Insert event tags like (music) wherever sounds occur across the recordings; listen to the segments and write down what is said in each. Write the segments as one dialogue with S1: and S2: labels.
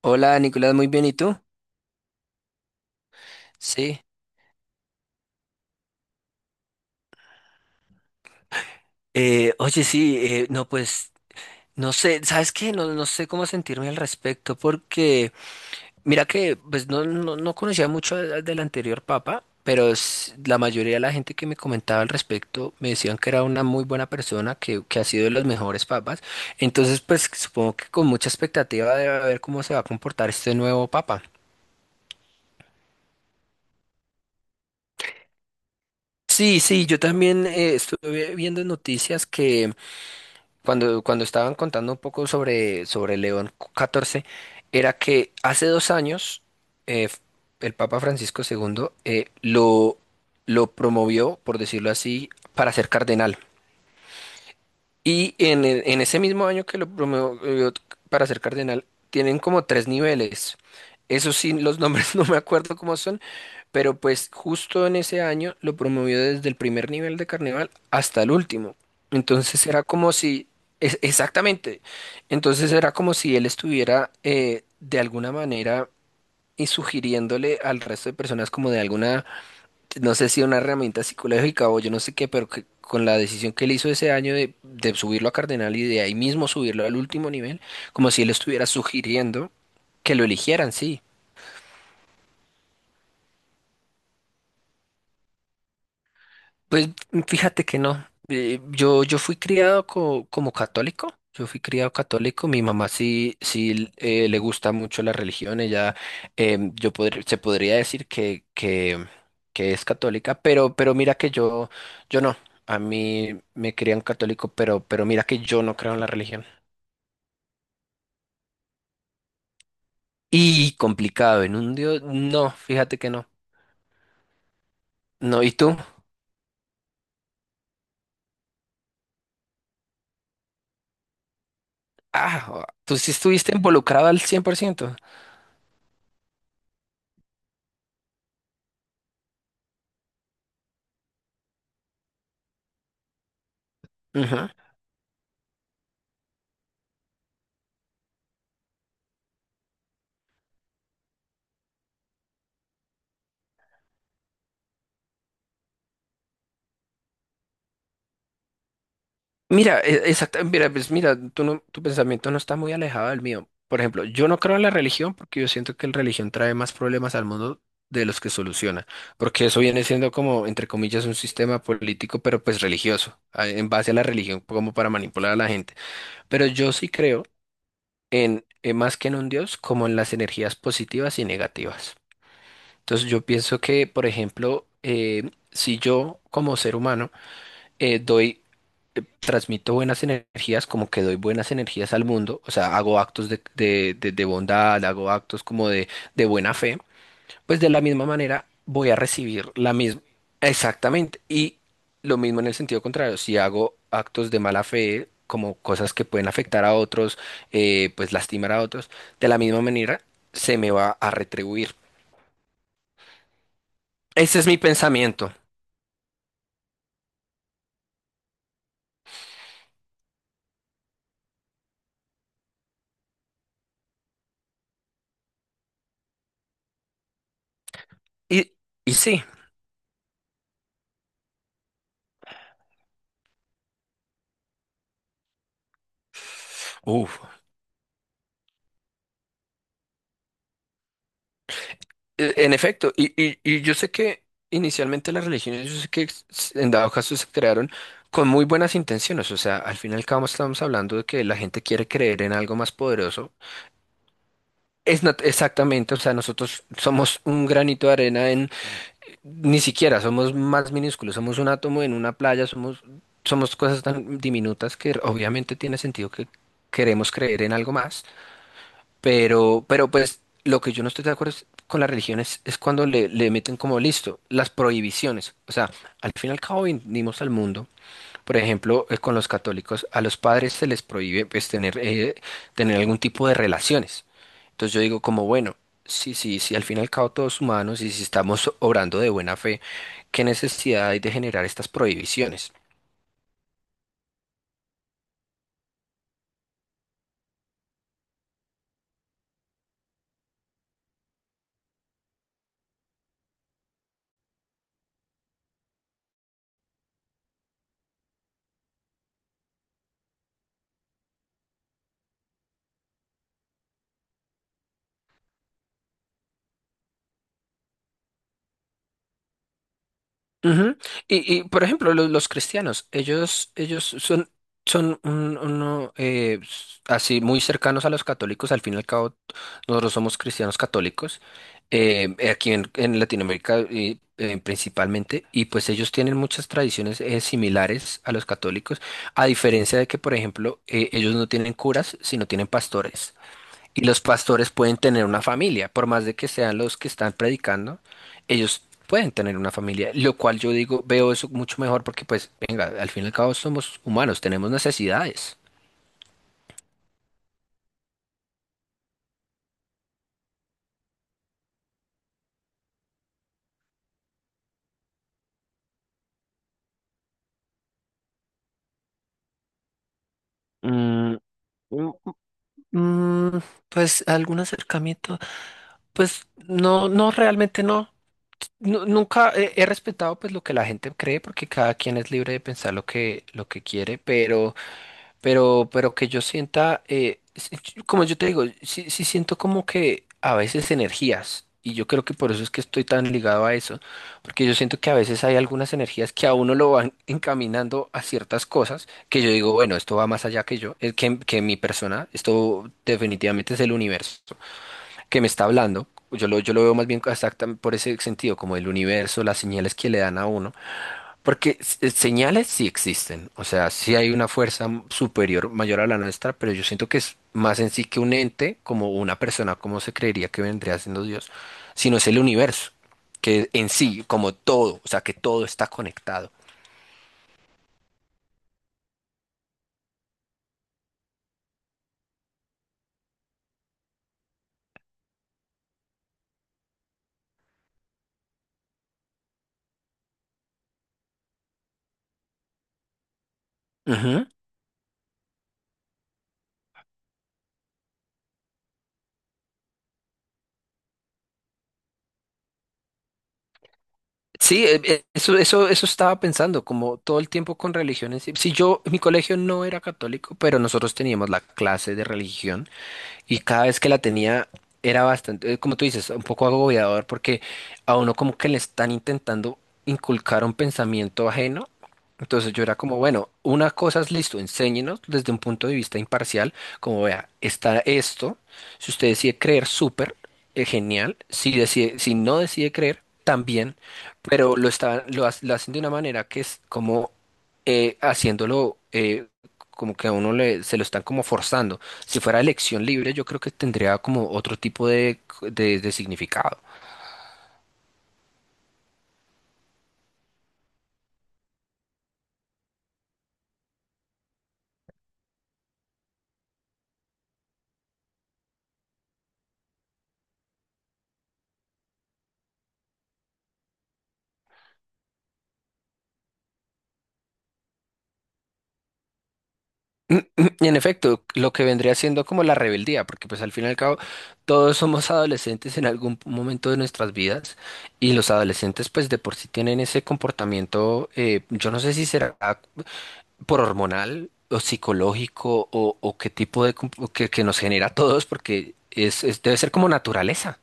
S1: Hola Nicolás, muy bien, ¿y tú? Sí. Oye, sí, no, pues, no sé, ¿sabes qué? No, no sé cómo sentirme al respecto, porque mira que, pues, no conocía mucho del anterior papa, pero la mayoría de la gente que me comentaba al respecto me decían que era una muy buena persona, que ha sido de los mejores papas, entonces, pues, supongo que con mucha expectativa de a ver cómo se va a comportar este nuevo papa. Sí, sí, yo también estuve viendo en noticias que cuando estaban contando un poco sobre León catorce era que hace dos años eh, el Papa Francisco segundo lo promovió, por decirlo así, para ser cardenal. Y en ese mismo año que lo promovió para ser cardenal, tienen como tres niveles. Eso sí, los nombres (laughs) no me acuerdo cómo son, pero pues justo en ese año lo promovió desde el primer nivel de carnaval hasta el último. Entonces era como si, es- Exactamente, entonces era como si él estuviera de alguna manera y sugiriéndole al resto de personas como de alguna, no sé si una herramienta psicológica o yo no sé qué, pero que con la decisión que él hizo ese año de subirlo a cardenal y de ahí mismo subirlo al último nivel, como si él estuviera sugiriendo que lo eligieran, sí. Pues fíjate que no. Yo fui criado como católico. Yo fui criado católico. Mi mamá sí, sí le gusta mucho la religión. Ella, se podría decir que es católica, pero mira que yo no. A mí me crían católico, pero mira que yo no creo en la religión. Y complicado, en un Dios, no, fíjate que no. No, ¿y tú? Ah, tú sí estuviste involucrado al 100%. Mira, mira, pues mira, tú no- tu pensamiento no está muy alejado del mío. Por ejemplo, yo no creo en la religión porque yo siento que la religión trae más problemas al mundo de los que soluciona, porque eso viene siendo como, entre comillas, un sistema político, pero pues religioso, en base a la religión como para manipular a la gente. Pero yo sí creo en, más que en un Dios, como en las energías positivas y negativas. Entonces yo pienso que, por ejemplo, si yo como ser humano doy transmito buenas energías, como que doy buenas energías al mundo, o sea, hago actos de bondad, hago actos como de buena fe, pues de la misma manera voy a recibir la misma, exactamente, y lo mismo en el sentido contrario, si hago actos de mala fe, como cosas que pueden afectar a otros, pues lastimar a otros, de la misma manera se me va a retribuir. Ese es mi pensamiento. Y, y sí, uf. En efecto, y yo sé que inicialmente las religiones, yo sé que en dado caso se crearon con muy buenas intenciones, o sea, al fin y al cabo estamos hablando de que la gente quiere creer en algo más poderoso. Exactamente, o sea, nosotros somos un granito de arena en, ni siquiera, somos más minúsculos, somos un átomo en una playa, somos cosas tan diminutas que obviamente tiene sentido que queremos creer en algo más. Pero pues lo que yo no estoy de acuerdo con las religiones es cuando le meten como listo las prohibiciones. O sea, al fin y al cabo vinimos al mundo, por ejemplo, con los católicos, a los padres se les prohíbe pues tener, tener algún tipo de relaciones. Entonces yo digo como, bueno, sí, al fin y al cabo todos humanos y si estamos obrando de buena fe, ¿qué necesidad hay de generar estas prohibiciones? Ujú. Y, por ejemplo, cristianos, ellos son, uno, así muy cercanos a los católicos, al fin y al cabo nosotros somos cristianos católicos, aquí en Latinoamérica y, principalmente, y pues ellos tienen muchas tradiciones similares a los católicos, a diferencia de que, por ejemplo, ellos no tienen curas, sino tienen pastores. Y los pastores pueden tener una familia, por más de que sean los que están predicando, ellos pueden tener una familia, lo cual yo digo, veo eso mucho mejor porque pues, venga, al fin y al cabo somos humanos, tenemos necesidades. Mm, mm, Mm, pues algún acercamiento, pues no, no, realmente no. Nunca he, he respetado pues lo que la gente cree porque cada quien es libre de pensar lo que quiere, pero... pero que yo sienta, como yo te digo, sí, sí siento como que a veces energías, y yo creo que por eso es que estoy tan ligado a eso, porque yo siento que a veces hay algunas energías que a uno lo van (laughs) encaminando a ciertas cosas, que yo digo, bueno, esto va más allá que yo, que mi persona, esto definitivamente es el universo que me está hablando, yo lo veo más bien exactamente por ese sentido, como el universo, las señales que le dan a uno. Porque señales sí existen, o sea, sí hay una fuerza superior mayor a la nuestra, pero yo siento que es más en sí que un ente, como una persona, como se creería que vendría siendo Dios, sino es el universo, que en sí, como todo, o sea, que todo está conectado. Ujú. Sí, eso estaba pensando, como todo el tiempo con religiones. Si yo, mi colegio no era católico, pero nosotros teníamos la clase de religión. Y cada vez que la tenía era bastante, como tú dices, un poco agobiador porque a uno como que le están intentando inculcar un pensamiento ajeno. Entonces yo era como, bueno, una cosa es listo, enséñenos desde un punto de vista imparcial, como vea, está esto, si usted decide creer, súper, genial, si decide, si no decide creer, también, pero lo estaban, lo hacen de una manera que es como haciéndolo como que a uno le, se lo están como forzando. Si fuera elección libre, yo creo que tendría como otro tipo de significado. (clears throat) Y en efecto, lo que vendría siendo como la rebeldía, porque pues al fin y al cabo todos somos adolescentes en algún momento de nuestras vidas y los adolescentes pues de por sí tienen ese comportamiento, yo no sé si será por hormonal o psicológico o qué tipo de que nos genera a todos porque debe ser como naturaleza.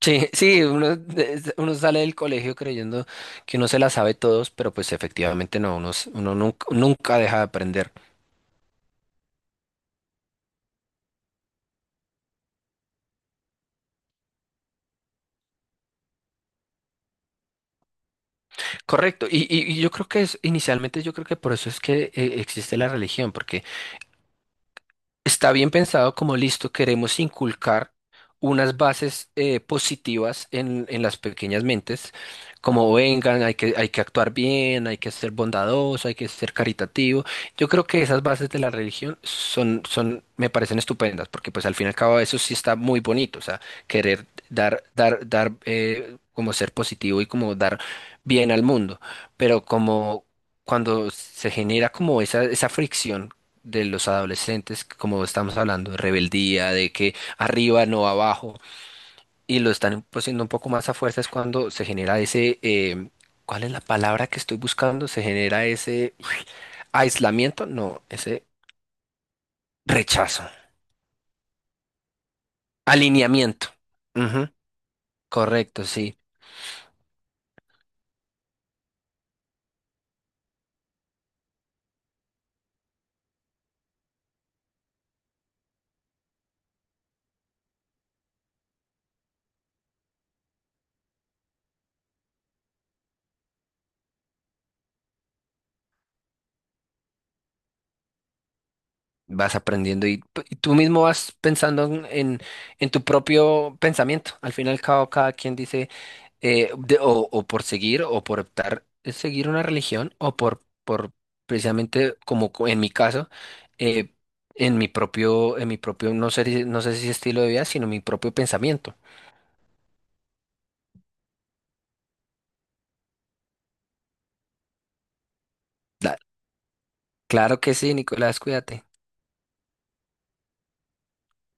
S1: Sí, sí, uno sale del colegio creyendo que uno se la sabe todos, pero pues efectivamente no, uno nunca, nunca deja de aprender. Correcto, y yo creo que es, inicialmente yo creo que por eso es que existe la religión, porque está bien pensado como listo, queremos inculcar unas bases positivas en las pequeñas mentes, como vengan, hay que actuar bien, hay que ser bondadoso, hay que ser caritativo. Yo creo que esas bases de la religión son, me parecen estupendas, porque pues al fin y al cabo eso sí está muy bonito, o sea, querer dar, como ser positivo y como dar bien al mundo, pero como cuando se genera como esa fricción de los adolescentes, como estamos hablando, de rebeldía, de que arriba no abajo, y lo están imponiendo un poco más a fuerza, es cuando se genera ¿cuál es la palabra que estoy buscando? Se genera ese aislamiento, no, ese rechazo, alineamiento. Ujú, correcto, sí. Vas aprendiendo y tú mismo vas pensando en, en tu propio pensamiento. Al fin y al cabo, cada quien dice... o por seguir o por optar seguir una religión por precisamente en mi caso eh, en mi propio, en mi propio no sé, no sé si estilo de vida sino mi propio pensamiento. Da- Claro que sí, Nicolás, cuídate.